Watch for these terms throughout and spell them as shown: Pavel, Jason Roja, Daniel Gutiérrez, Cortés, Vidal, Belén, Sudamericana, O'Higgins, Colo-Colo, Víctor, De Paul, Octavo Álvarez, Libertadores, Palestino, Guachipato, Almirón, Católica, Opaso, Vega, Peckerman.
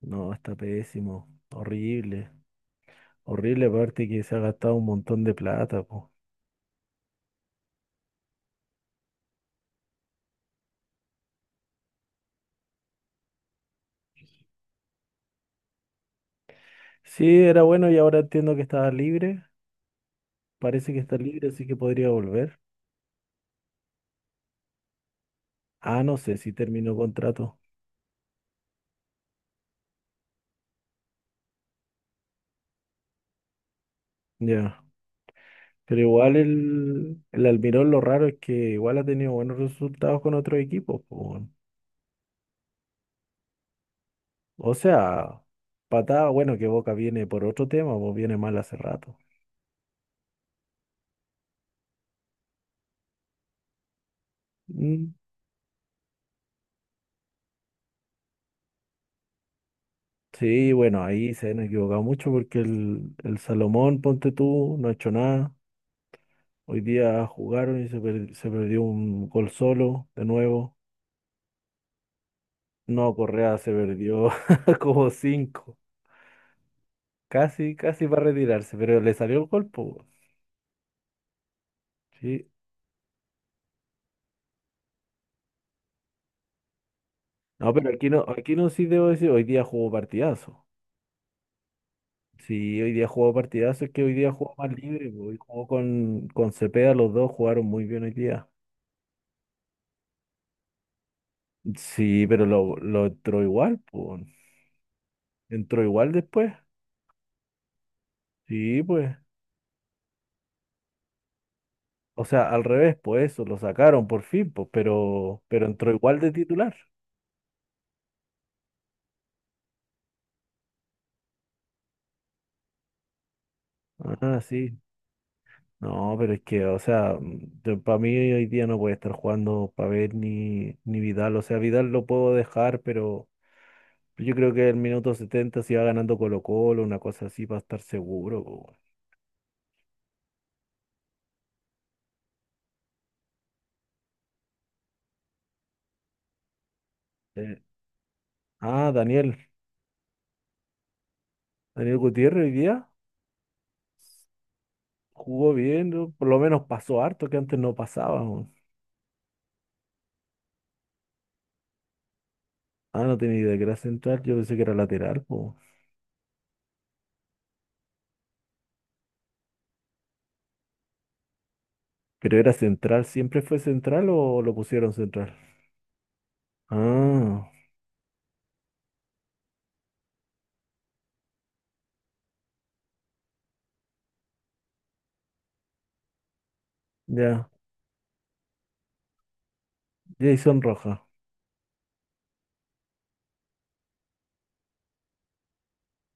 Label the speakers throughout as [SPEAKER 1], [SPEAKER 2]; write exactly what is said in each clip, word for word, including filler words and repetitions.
[SPEAKER 1] No, está pésimo. Horrible. Horrible, aparte que se ha gastado un montón de plata, po. Sí, era bueno y ahora entiendo que estaba libre. Parece que está libre, así que podría volver. Ah, no sé si terminó contrato. Ya. Pero igual el, el Almirón, lo raro es que igual ha tenido buenos resultados con otros equipos, po, weón. O sea, patada, bueno, que Boca viene por otro tema, pues viene mal hace rato. Mm, sí, bueno, ahí se han equivocado mucho porque el, el Salomón, ponte tú, no ha hecho nada. Hoy día jugaron y se, per- se perdió un gol solo, de nuevo. No, Correa se perdió como cinco. Casi, casi va a retirarse, pero le salió el gol, po. Sí. No, pero aquí no, aquí no, sí debo decir, hoy día jugó partidazo. Sí, hoy día jugó partidazo, es que hoy día jugó más libre, po. Hoy jugó con, con Cepeda, los dos jugaron muy bien hoy día. Sí, pero lo, lo entró igual, pues. Entró igual después. Sí, pues. O sea, al revés, pues eso, lo sacaron por fin, pues, pero, pero entró igual de titular. Ah, sí. No, pero es que, o sea, para mí hoy día no puede estar jugando Pavel ni, ni Vidal. O sea, Vidal lo puedo dejar, pero yo creo que el minuto setenta, si va ganando Colo-Colo, una cosa así, para estar seguro, po. Weón. Eh, Ah, Daniel. Daniel Gutiérrez hoy día jugó bien, ¿no? Por lo menos pasó harto, que antes no pasaba, po. Ah, no tenía idea que era central, yo pensé que era lateral, pues. Creo era central. ¿Siempre fue central o lo pusieron central? Ah, ya. Jason Roja.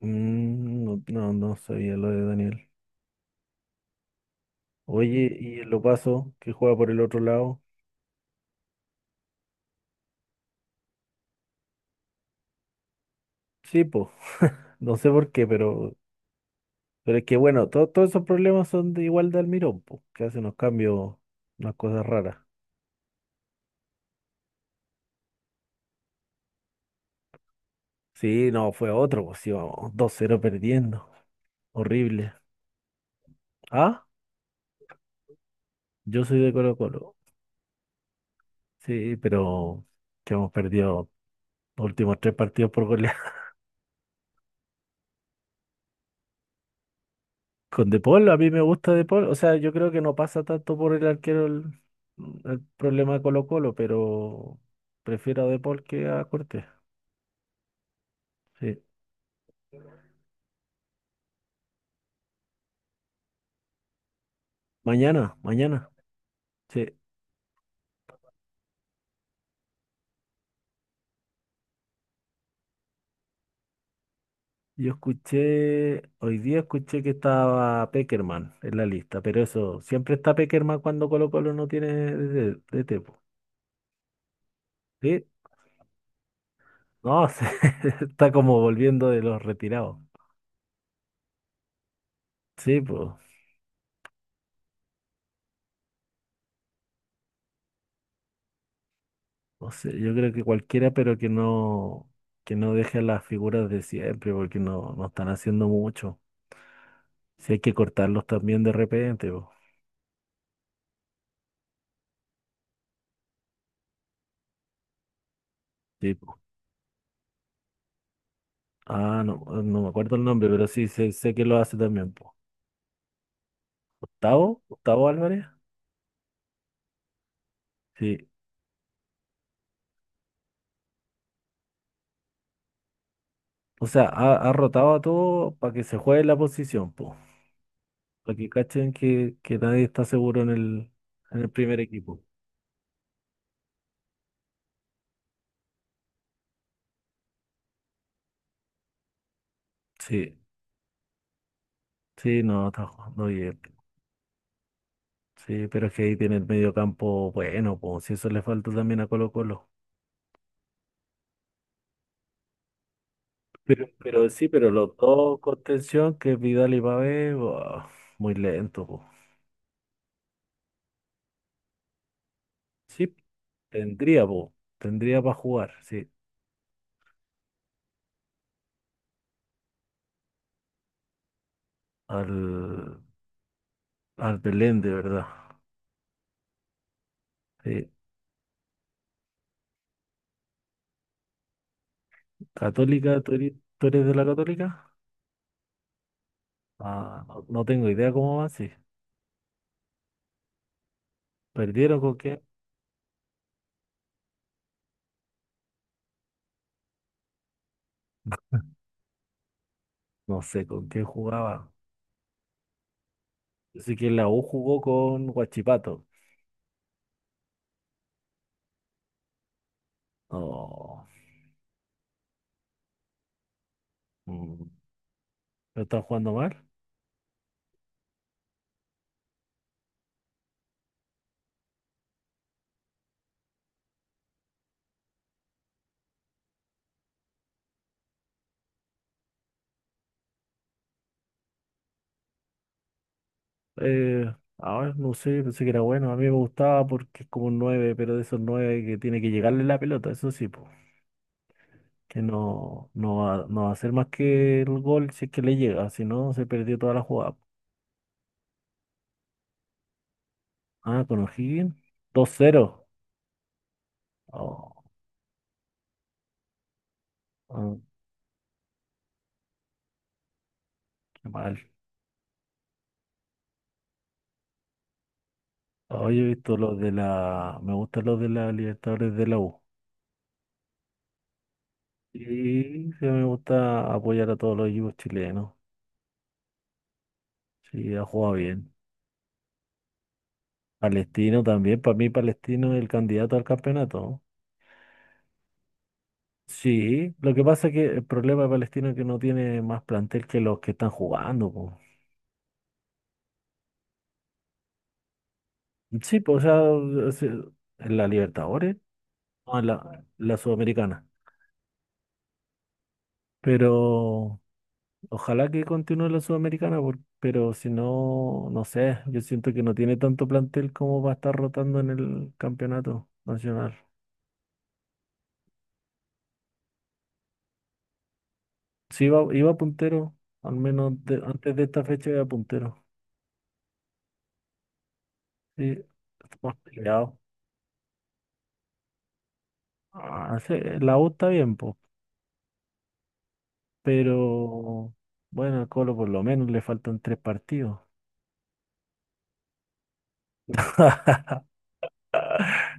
[SPEAKER 1] Mm, no, no, no sabía lo de Daniel. Oye, ¿y el Opaso, que juega por el otro lado? Sí, po. No sé por qué, pero, pero es que bueno, to- todos esos problemas son de igual de Almirón, po, que hace unos cambios, unas cosas raras. Sí, no, fue otro, pues íbamos dos cero perdiendo. Horrible. Ah, yo soy de Colo Colo. Sí, pero que hemos perdido los últimos tres partidos por gol. Con De Paul, a mí me gusta De Paul. O sea, yo creo que no pasa tanto por el arquero el, el problema de Colo-Colo, pero prefiero a De Paul que a Cortés. Sí. Mañana, mañana. Sí. Yo escuché, hoy día escuché que estaba Peckerman en la lista, pero eso, siempre está Peckerman cuando Colo-Colo no tiene de, de, tipo. ¿Sí? No, se- está como volviendo de los retirados. Sí, pues. No sé, yo creo que cualquiera, pero que no, que no deje a las figuras de siempre, porque no, no están haciendo mucho. Si hay que cortarlos también de repente, po. Sí, po. Ah, no, no me acuerdo el nombre, pero sí sé, sé que lo hace también, po. ¿Octavo? ¿Octavo Álvarez? Sí. O sea, ha, ha rotado a todo para que se juegue la posición, po. Para que cachen que, que nadie está seguro en el, en el primer equipo. Sí, sí, no, está jugando bien. Sí, pero es que ahí tiene el medio campo bueno, pues si eso le falta también a Colo Colo. Pero, pero sí, pero los dos contención, que es Vidal y Pavés, buah, muy lento, pues. Sí, tendría, pues, tendría para jugar, sí, al, al Belén, de verdad. Sí. Católica, ¿tú eres, tú eres de la Católica? Ah, no, no tengo idea cómo va, sí. ¿Perdieron con qué? No sé con qué jugaba. Yo sé que la U jugó con Guachipato. No, mm, ¿no están jugando mal? Eh, a ver, no sé, pensé que era bueno. A mí me gustaba porque es como un nueve, pero de esos nueve que tiene que llegarle la pelota, eso sí, pues. Que no, no va, no va a hacer más que el gol si es que le llega, si no, se perdió toda la jugada. Ah, con O'Higgins. dos cero. Oh, oh, ah, qué mal. Hoy he visto los de la. Me gustan los de la Libertadores de la U. Y sí, me gusta apoyar a todos los equipos chilenos. Sí, ha jugado bien. Palestino también, para mí Palestino es el candidato al campeonato. Sí, lo que pasa es que el problema de Palestina es que no tiene más plantel que los que están jugando, po. Sí, pues, o sea, se- en la Libertadores, no, en la, la Sudamericana. Pero ojalá que continúe la Sudamericana, por- pero si no, no sé, yo siento que no tiene tanto plantel como va a estar rotando en el campeonato nacional. Sí, iba, iba puntero, al menos de- antes de esta fecha iba puntero. Sí, está más peleado. Ah, sí, la U está bien, pues. Pero bueno, al Colo por lo menos le faltan tres partidos.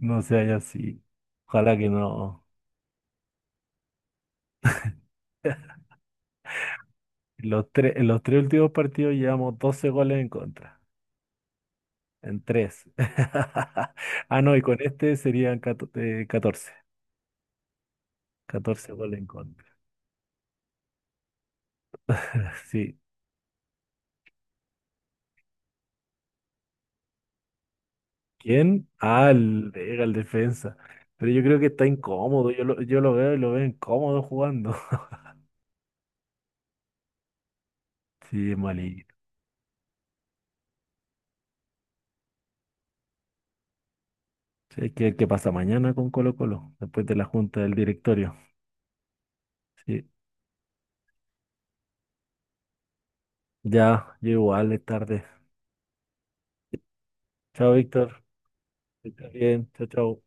[SPEAKER 1] No se haya así. Ojalá que no. En los tres, en los tres últimos partidos llevamos doce goles en contra. En tres. Ah, no, y con este serían cato- eh, catorce. catorce goles en contra. Sí. ¿Quién? Ah, el Vega, el defensa. Pero yo creo que está incómodo. Yo lo, yo lo veo y lo veo incómodo jugando. Sí, es malito. Sí, ¿qué, qué pasa mañana con Colo Colo? Después de la junta del directorio. Sí, ya, yo igual es tarde. Chao, Víctor. Que estés bien, chao, chao.